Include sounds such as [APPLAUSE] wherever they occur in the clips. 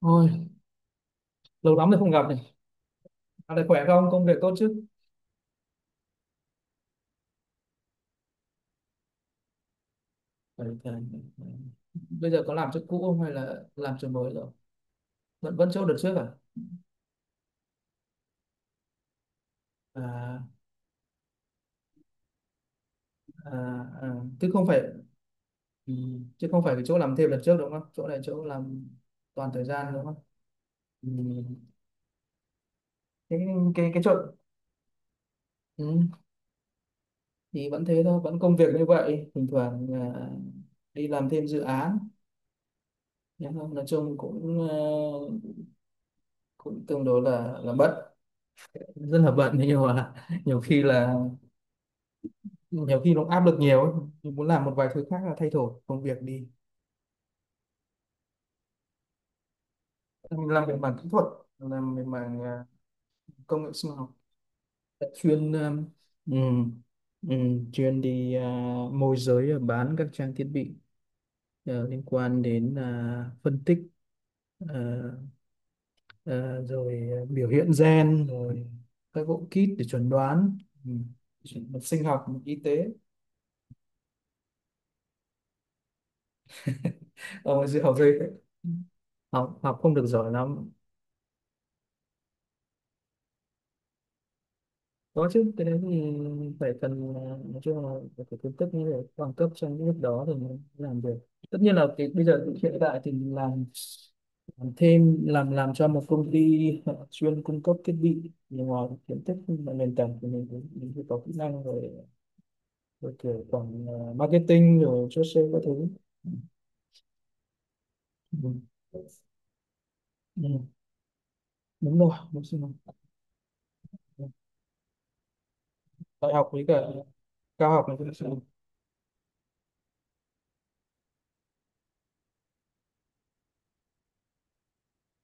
Thôi, lâu lắm rồi không gặp này. Dạo này khỏe không? Công việc tốt chứ? Khỏe, khỏe. Bây giờ có làm chỗ cũ không hay là làm chỗ mới rồi? Vẫn vẫn chỗ đợt trước à? À, à, à. Chứ không phải ừ, chứ không phải cái chỗ làm thêm đợt trước đúng không? Chỗ này chỗ làm toàn thời gian đúng không? Ừ. Cái cái chỗ. Ừ. Thì vẫn thế thôi, vẫn công việc như vậy. Thỉnh thoảng đi làm thêm dự án. Nhưng mà nói chung cũng cũng tương đối là bận, rất là bận. Thế nhưng mà [LAUGHS] nhiều khi là nhiều khi nó áp lực nhiều ấy. Mình muốn làm một vài thứ khác là thay đổi công việc đi. Mình làm về mảng kỹ thuật, làm về mảng công nghệ sinh học, chuyên ừm, chuyên môi giới, bán các trang thiết bị liên quan đến phân tích, ờ, ờ, rồi biểu hiện gen, rồi các bộ kit để chuẩn đoán, ừm, sinh học y tế. [LAUGHS] Ông dư học dây, học học không được giỏi lắm. Có chứ, cái đấy thì phải cần, nói chung là phải có kiến thức như để bằng cấp trong cái lúc đó thì mới làm được. Tất nhiên là cái bây giờ hiện tại thì làm thêm, làm cho một công ty họ chuyên cung cấp thiết bị, nhưng mà kiến thức và nền tảng thì mình phải có kỹ năng rồi rồi kiểu quản, marketing rồi chốt sale các thứ. Ừ. Ừ. Đúng rồi, đúng rồi. Đại học với cả cao học này cũng sẽ.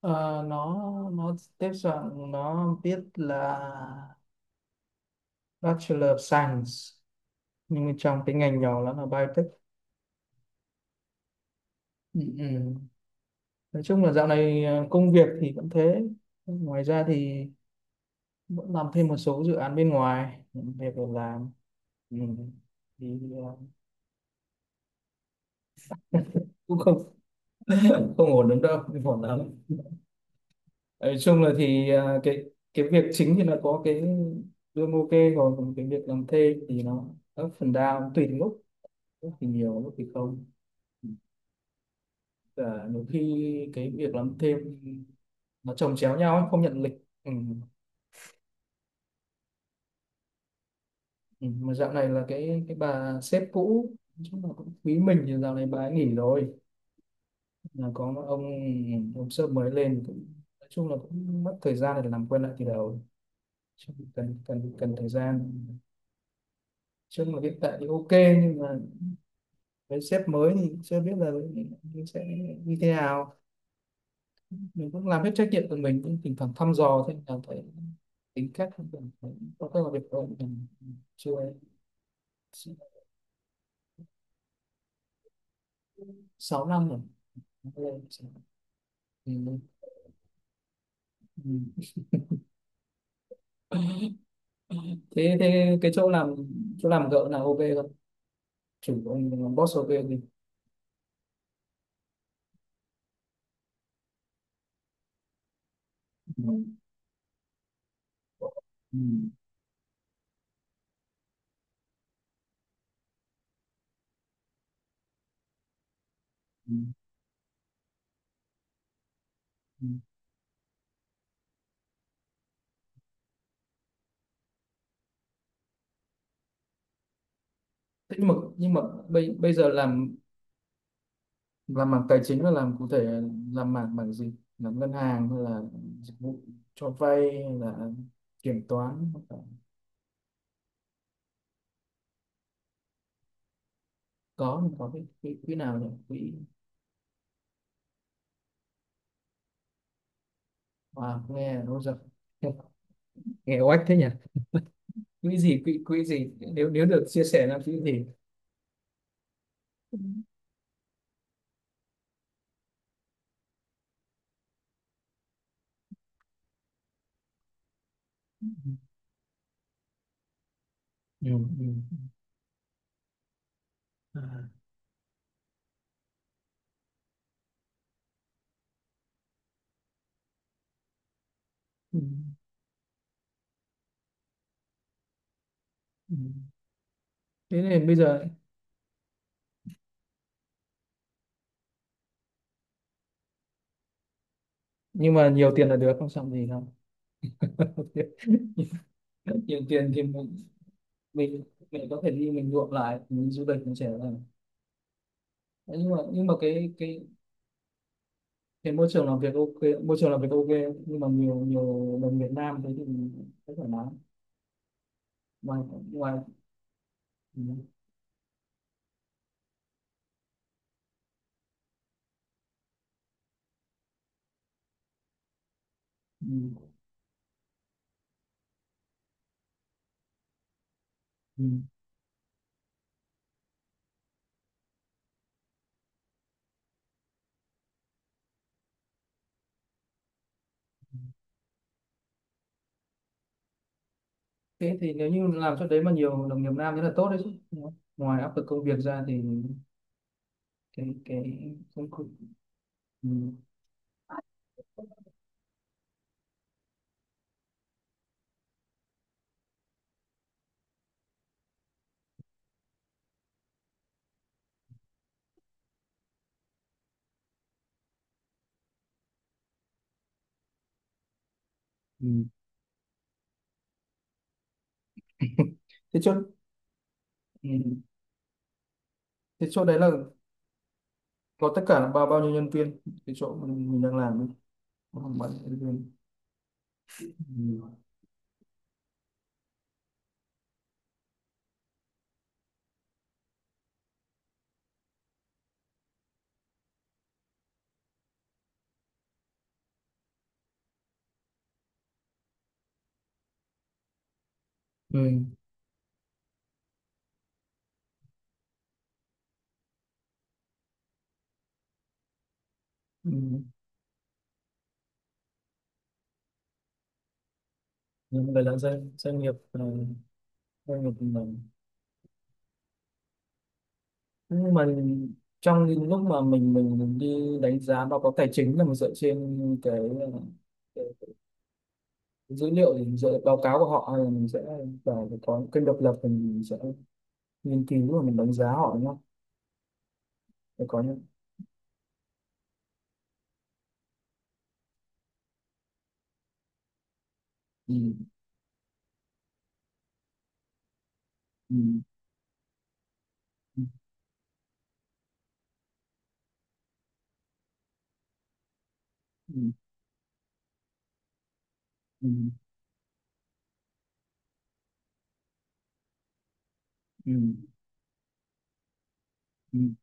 Ờ, nó nó tiếp dạng nó biết là Bachelor of Science, nhưng mà trong cái ngành nhỏ nó là biotech. Ừ. Ừ. Nói chung là dạo này công việc thì vẫn thế, ngoài ra thì vẫn làm thêm một số dự án bên ngoài, những việc để làm. Ừ. Thì cũng không. [LAUGHS] Không ổn lắm đâu, không ổn lắm. Nói chung là thì cái việc chính thì là có cái lương ok, còn cái việc làm thuê thì nó up and down tùy từng lúc, lúc thì nhiều lúc thì không. Và nhiều khi cái việc làm thêm nó chồng chéo nhau ấy, không nhận lịch. Ừ. Ừ. Mà dạo này là cái bà sếp cũ, chắc là cũng quý mình, thì dạo này bà ấy nghỉ rồi, là có một ông sếp mới lên cũng, nói chung là cũng mất thời gian để làm quen lại từ đầu. Chứ cần, cần thời gian, chứ mà hiện tại thì ok, nhưng mà với sếp mới thì chưa biết là sẽ như thế nào. Mình cũng làm hết trách nhiệm của mình, cũng thỉnh thoảng thăm dò, thế là thấy tính cách của mình, thấy có cái là việc của mình chưa. 6 năm rồi. Lên thì mình- thế thế cái chỗ làm, chỗ làm gợ là ok không, chủ của ông làm boss ok gì. Ừ. Ừ. Ừ. Ừ. Thế nhưng mà bây bây giờ làm mảng tài chính là làm cụ thể, làm mảng mảng gì, làm ngân hàng hay là dịch vụ cho vay hay là kiểm toán? Có, mình có cái quỹ, quỹ nào nhỉ, quỹ nghe nó giật. [LAUGHS] Nghe oách thế nhỉ. Quỹ gì, quỹ quỹ gì, nếu nếu được chia sẻ là quỹ gì? Ừ. Ừ. Ừ. À. Ừ. Ừ. Thế nên bây giờ. Nhưng mà nhiều tiền là được, không xong gì đâu. [LAUGHS] Nhiều tiền thì mình mình có thể đi, mình nhuộm lại, mình đi du lịch, mình trẻ lại. Đấy, nhưng mà cái cái môi trường làm việc ok, môi trường làm việc ok, nhưng mà nhiều nhiều đồng Việt Nam thế thì rất thoải mái. Ngoài ngoài Ừ. Ừ. Ừ. Thế thì nếu như làm chỗ đấy mà nhiều đồng nghiệp nam thế là tốt đấy chứ. Đúng không? Ngoài áp lực công việc ra thì cái công cụ. Ừ. Ừ. [LAUGHS] Thế chỗ ừ. Thế chỗ đấy là có tất cả là bao bao nhiêu nhân viên, cái chỗ mình đang làm ấy. Có khoảng bao nhiêu nhân viên? Ừ. Ừ. Ừ. Nhưng mà là doanh doanh nghiệp, doanh nghiệp mình, nhưng mà trong những lúc mà mình đi đánh giá báo cáo tài chính là mình dựa trên cái dữ liệu thì mình sẽ báo cáo của họ, hay là mình sẽ vào có những kênh độc lập thì mình sẽ nghiên cứu và mình đánh giá họ nhá. Để có những. Ừ, ừ, ừ, ừ, ừ, ừ, ừ, ừ,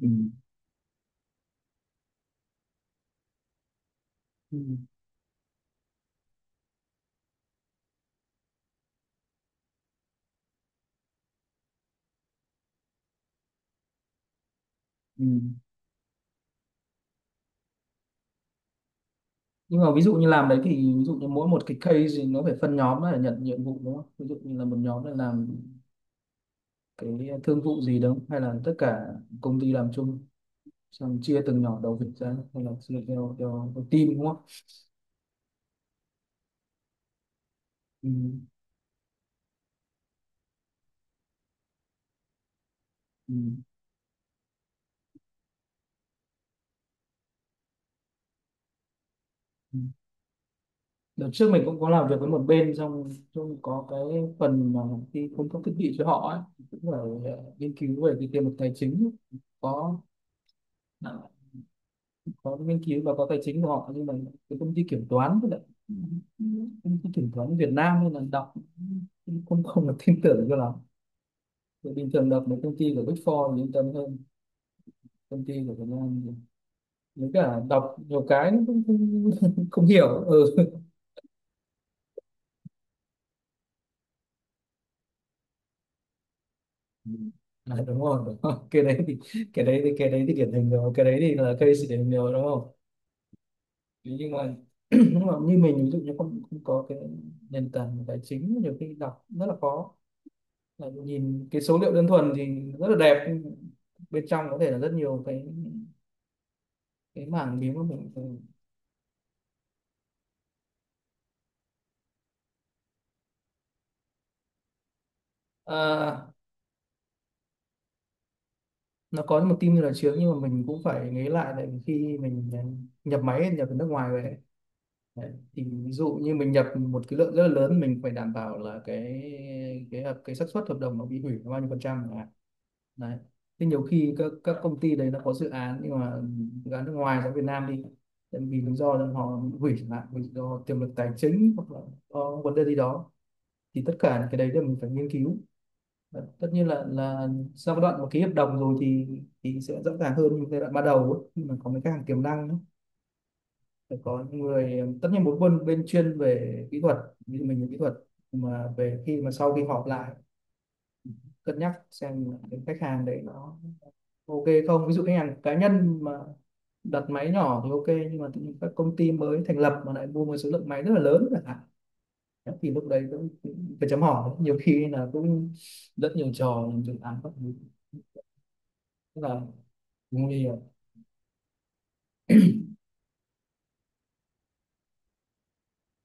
ừ, ừ, ừ. Ừ. Nhưng mà ví dụ như làm đấy thì ví dụ như mỗi một cái case thì nó phải phân nhóm để nhận nhiệm vụ đúng không, ví dụ như là một nhóm là làm cái thương vụ gì đúng không, hay là tất cả công ty làm chung xong chia từng nhỏ đầu việc ra, hay là chia theo theo team đúng không? Ừ, ừ, ừ. Đợt trước mình cũng có làm việc với một bên trong, có cái phần mà đi cung cấp thiết bị cho họ ấy, cũng phải nghiên cứu về cái tiềm lực tài chính. Có, à, có nghiên cứu và có tài chính của họ, nhưng mà cái công ty kiểm toán, với lại công ty kiểm toán Việt Nam nên là đọc cũng không không được tin tưởng cho lắm. Thì bình thường đọc mấy công ty của Big Four thì yên tâm hơn, công ty của Việt Nam thì với cả đọc nhiều cái cũng không. [LAUGHS] Không hiểu. Ừ. Ừ. À, đúng rồi, đúng rồi. [LAUGHS] Cái đấy thì, cái đấy thì điển hình rồi, cái đấy thì là case điển hình rồi đúng không? Thế nhưng mà [CLEARS THROAT] nhưng mà như mình, ví dụ như không không có cái nền tảng tài chính, nhiều khi đọc rất là khó, là nhìn cái số liệu đơn thuần thì rất là đẹp, nhưng bên trong có thể là rất nhiều cái mảng miếng mà mình- à, nó có một team như là trước, nhưng mà mình cũng phải nghĩ lại, tại vì khi mình nhập máy, nhập từ nước ngoài về. Đấy. Thì ví dụ như mình nhập một cái lượng rất là lớn, mình phải đảm bảo là cái hợp cái xác suất hợp đồng nó bị hủy là bao nhiêu phần trăm chẳng hạn. Đấy. Thế nhiều khi các công ty đấy nó có dự án, nhưng mà dự án nước ngoài ra Việt Nam đi, tại vì lý do là họ bị hủy chẳng hạn, vì do tiềm lực tài chính hoặc là có vấn đề gì đó, thì tất cả những cái đấy là mình phải nghiên cứu. Đấy. Tất nhiên là sau cái đoạn mà ký hợp đồng rồi thì sẽ rõ ràng hơn giai đoạn ban đầu ấy, khi mà có mấy cái hàng tiềm năng ấy. Phải có những người, tất nhiên một bên bên chuyên về kỹ thuật, ví dụ mình về kỹ thuật, mà về khi mà sau khi họp lại, cân nhắc xem cái khách hàng đấy nó ok không. Ví dụ khách hàng cá nhân mà đặt máy nhỏ thì ok, nhưng mà tự nhiên các công ty mới thành lập mà lại mua một số lượng máy rất là lớn chẳng hạn, thì lúc đấy cũng cũng phải chấm hỏi, nhiều khi là cũng rất nhiều trò làm dự án các thứ, rất là nguy hiểm.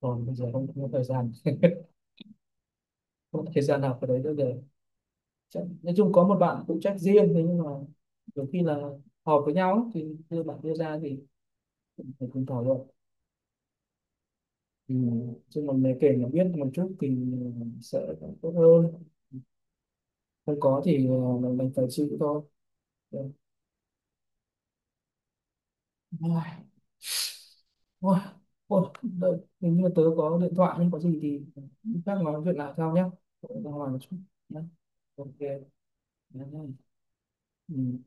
Còn bây giờ không có thời gian nào vào đấy nữa để, nói chung có một bạn phụ trách riêng, thế nhưng mà nhiều khi là họp với nhau ấy, thì đưa bạn đưa ra thì cũng phải cùng thảo luận, thì chung là mình kể là biết một chút thì sẽ tốt hơn, không có thì mình phải chịu thôi. Rồi. Ôi, ôi, ôi, đợi, hình như tớ có điện thoại, nhưng có gì thì lúc khác nói chuyện lại sau nhé. Tớ ra ngoài một chút nhé. Ok nhé. Ừ.